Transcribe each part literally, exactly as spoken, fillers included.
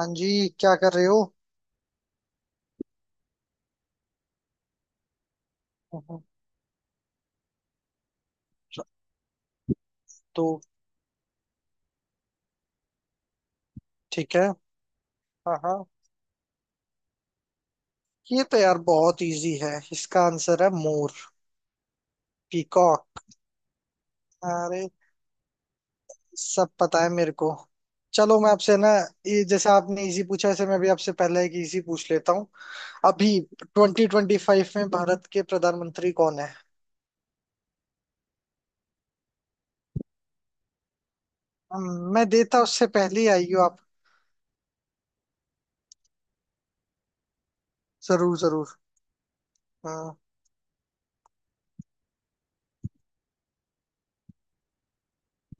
हाँ जी, क्या कर रहे हो। हम्म। तो ठीक है। हाँ हाँ, ये तो यार बहुत इजी है, इसका आंसर है मोर। पीकॉक। अरे, सब पता है मेरे को। चलो मैं आपसे ना, ये जैसे आपने इजी पूछा, ऐसे मैं भी आपसे पहले एक इजी पूछ लेता हूँ। अभी ट्वेंटी ट्वेंटी फाइव में भारत के प्रधानमंत्री कौन है। हम्म, मैं देता उससे पहले ही आई हो आप। जरूर जरूर। हाँ,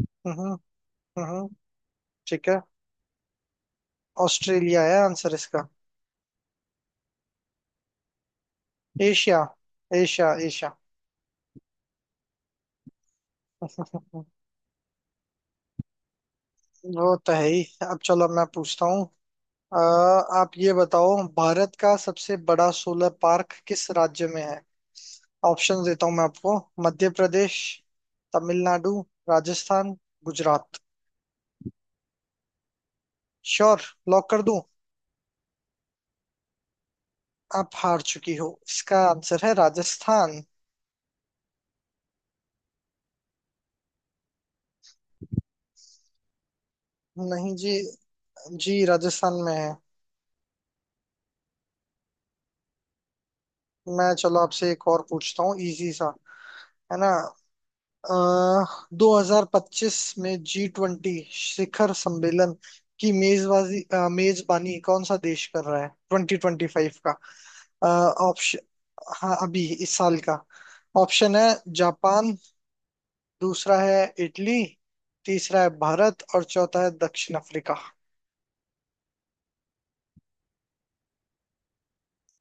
हम्म हम्म, हम्म, ठीक है। ऑस्ट्रेलिया है आंसर इसका। Asia Asia Asia. वो तो है ही। अब चलो मैं पूछता हूँ। अ, आप ये बताओ, भारत का सबसे बड़ा सोलर पार्क किस राज्य में है। ऑप्शन देता हूँ मैं आपको। मध्य प्रदेश, तमिलनाडु, राजस्थान, गुजरात। श्योर। लॉक कर दूं। आप हार चुकी हो, इसका आंसर है राजस्थान। नहीं जी। जी राजस्थान में है। मैं चलो आपसे एक और पूछता हूँ, इजी सा, है ना। दो हजार पच्चीस में जी ट्वेंटी शिखर सम्मेलन की मेजबाजी अ, मेजबानी कौन सा देश कर रहा है, ट्वेंटी ट्वेंटी फाइव का। ऑप्शन। हाँ अभी इस साल का। ऑप्शन है जापान, दूसरा है इटली, तीसरा है भारत और चौथा है दक्षिण अफ्रीका।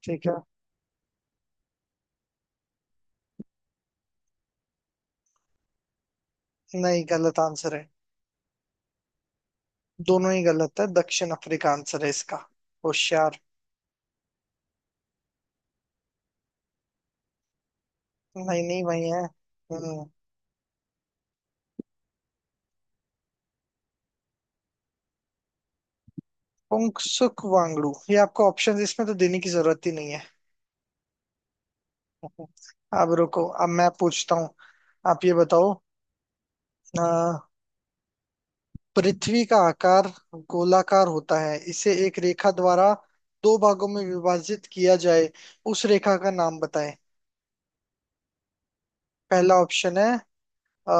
ठीक है। नहीं, गलत आंसर है। दोनों ही गलत है, दक्षिण अफ्रीका आंसर है इसका। होशियार। नहीं नहीं, वही है। हम्म, पुंगसुक वांगडू, ये आपको ऑप्शन इसमें तो देने की जरूरत ही नहीं है। अब रुको, अब मैं पूछता हूँ। आप ये बताओ। अ, पृथ्वी का आकार गोलाकार होता है, इसे एक रेखा द्वारा दो भागों में विभाजित किया जाए, उस रेखा का नाम बताएं। पहला ऑप्शन है अ,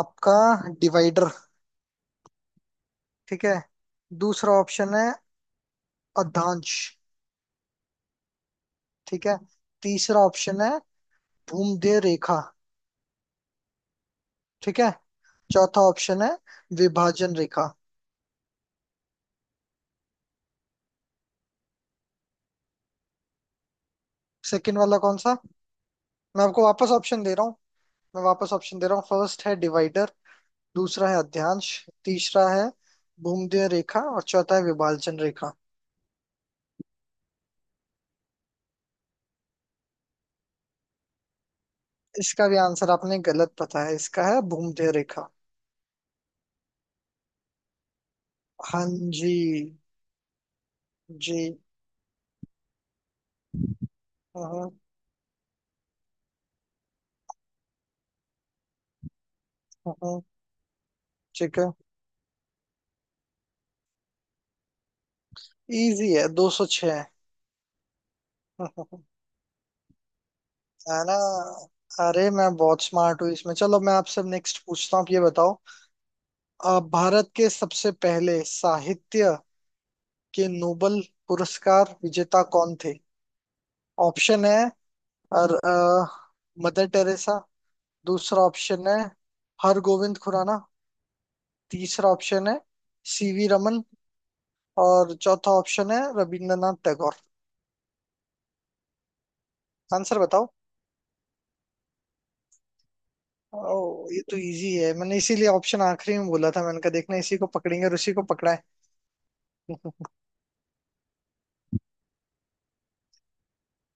आपका डिवाइडर। ठीक है। दूसरा ऑप्शन है अधांश। ठीक है। तीसरा ऑप्शन है भूमध्य रेखा। ठीक है। चौथा ऑप्शन है विभाजन रेखा। सेकंड वाला कौन सा। मैं आपको वापस ऑप्शन दे रहा हूँ। मैं वापस ऑप्शन दे रहा हूँ, फर्स्ट है डिवाइडर, दूसरा है अध्यांश, तीसरा है भूमध्य रेखा और चौथा है विभाजन रेखा। इसका भी आंसर आपने गलत बताया, इसका है भूमध्य रेखा। हाँ। जी। जी। हम्म, हम्म, ठीक है, इजी है, दो सौ छह है। ना। अरे मैं बहुत स्मार्ट हूँ इसमें। चलो मैं आपसे नेक्स्ट पूछता हूँ, आप ये बताओ। अ, भारत के सबसे पहले साहित्य के नोबल पुरस्कार विजेता कौन थे। ऑप्शन है और अ, मदर टेरेसा, दूसरा ऑप्शन है हरगोविंद खुराना, तीसरा ऑप्शन है सीवी रमन और चौथा ऑप्शन है रविंद्रनाथ टैगोर। आंसर बताओ। ओ, ये तो इजी है। मैंने इसीलिए ऑप्शन आखिरी में बोला था, मैंने कहा देखना इसी को पकड़ेंगे और उसी को पकड़ा है।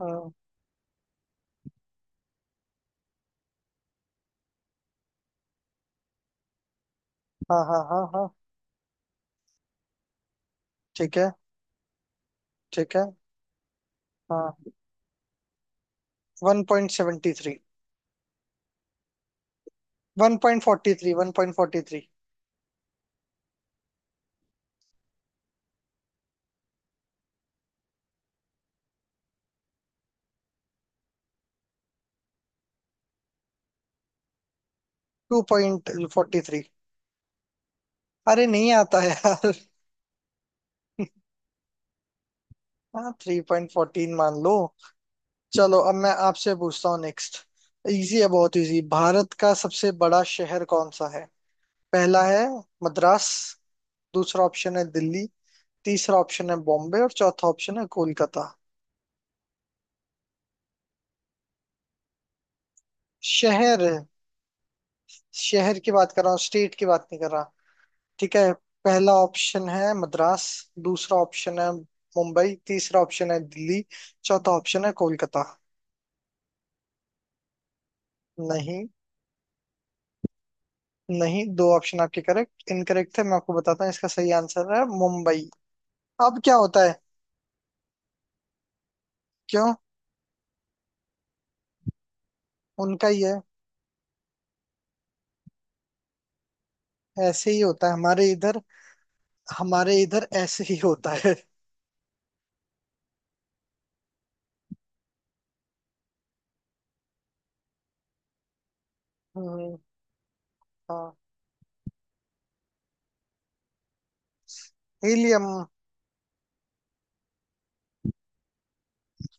हाँ हाँ हाँ हाँ, हाँ, ठीक है। ठीक है। हाँ, one point seventy three. One point forty three one point forty three. Two point forty three. अरे नहीं आता है यार। हाँ, थ्री पॉइंट फोर्टीन मान लो। चलो अब मैं आपसे पूछता हूँ नेक्स्ट। इजी है, बहुत इजी। भारत का सबसे बड़ा शहर कौन सा है। पहला है मद्रास, दूसरा ऑप्शन है दिल्ली, तीसरा ऑप्शन है बॉम्बे और चौथा ऑप्शन है कोलकाता। शहर। शहर की बात कर रहा हूँ, स्टेट की बात नहीं कर रहा। ठीक है, पहला ऑप्शन है मद्रास, दूसरा ऑप्शन है मुंबई, तीसरा ऑप्शन है दिल्ली, चौथा ऑप्शन है कोलकाता। नहीं। नहीं, दो ऑप्शन आपके करेक्ट इनकरेक्ट थे, मैं आपको बताता हूँ, इसका सही आंसर है मुंबई। अब क्या होता है। क्यों। उनका ही है। ऐसे ही होता है हमारे इधर। हमारे इधर ऐसे ही होता है। हम्म, हाँ, हीलियम।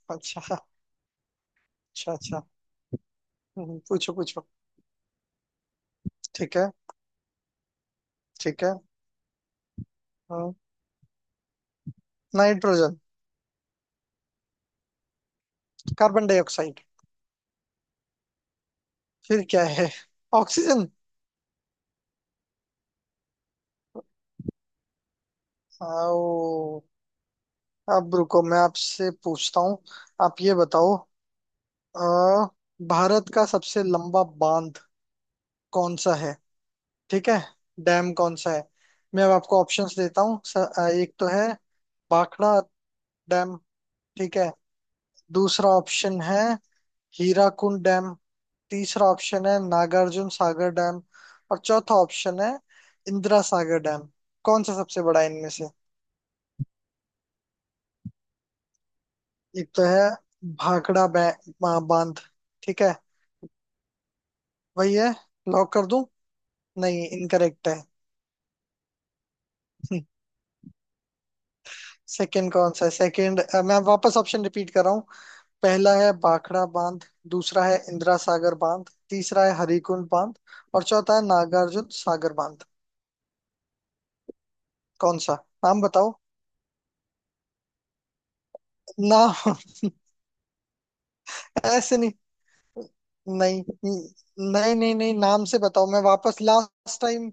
अच्छा। अच्छा। अच्छा। हम्म, पूछो पूछो। ठीक है। ठीक है। हाँ, नाइट्रोजन। Carbon dioxide. फिर क्या है। ऑक्सीजन। आओ। अब रुको, मैं आपसे पूछता हूँ। आप ये बताओ। अ, भारत का सबसे लंबा बांध कौन सा है। ठीक है, डैम कौन सा है। मैं अब आपको ऑप्शंस देता हूँ। स- अ, एक तो है भाखड़ा डैम। ठीक है। दूसरा ऑप्शन है हीराकुंड डैम, तीसरा ऑप्शन है नागार्जुन सागर डैम और चौथा ऑप्शन है इंदिरा सागर डैम। कौन सा सबसे बड़ा है इनमें से। एक तो है भाखड़ा बै- बा- बांध। ठीक है, वही है। लॉक कर दूं। नहीं इनकरेक्ट है। सेकंड कौन सा है सेकंड। मैं वापस ऑप्शन रिपीट कर रहा हूँ। पहला है भाखड़ा बांध, दूसरा है इंदिरा सागर बांध, तीसरा है हरिकुंड बांध और चौथा है नागार्जुन सागर बांध। कौन सा। नाम बताओ। नाम। ऐसे नहीं। नहीं नहीं नहीं नहीं, नाम से बताओ, मैं वापस लास्ट टाइम।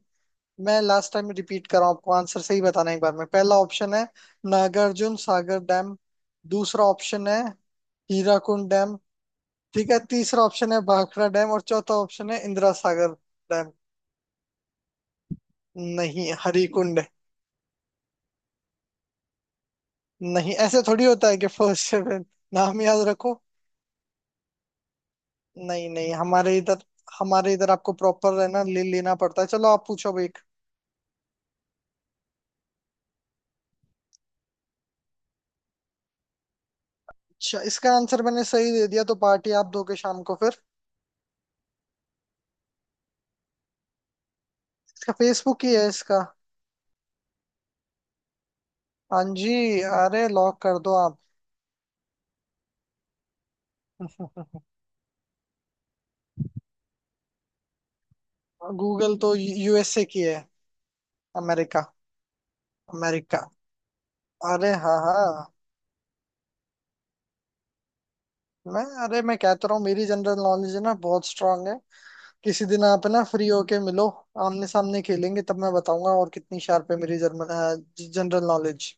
मैं लास्ट टाइम रिपीट कर रहा हूँ आपको, आंसर सही बताना है एक बार में। पहला ऑप्शन है नागार्जुन सागर डैम, दूसरा ऑप्शन है हीराकुंड डैम, ठीक है, तीसरा ऑप्शन है भाखड़ा डैम और चौथा ऑप्शन है इंदिरा सागर डैम। नहीं हरिकुंड है। नहीं ऐसे थोड़ी होता है कि फर्स्ट सेवन, नाम याद रखो। नहीं नहीं, हमारे इधर, हमारे इधर आपको प्रॉपर है ना, ले लेना पड़ता है। चलो आप पूछो अब एक। अच्छा, इसका आंसर मैंने सही दे दिया तो पार्टी आप दोगे शाम को फिर। इसका फेसबुक ही है इसका। हाँ जी, अरे लॉक कर दो आप। गूगल तो यूएसए की है। अमेरिका। अमेरिका। अरे हाँ हाँ। मैं अरे, मैं कहता रहा हूँ मेरी जनरल नॉलेज है ना, बहुत स्ट्रांग है। किसी दिन आप ना फ्री होके मिलो, आमने सामने खेलेंगे, तब मैं बताऊंगा और कितनी शार्प है मेरी जर्मन जनरल नॉलेज।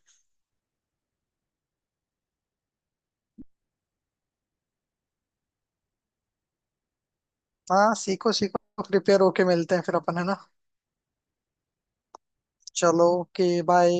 हाँ सीखो सीखो, प्रिपेयर होके मिलते हैं फिर अपन, है ना। चलो ओके बाय।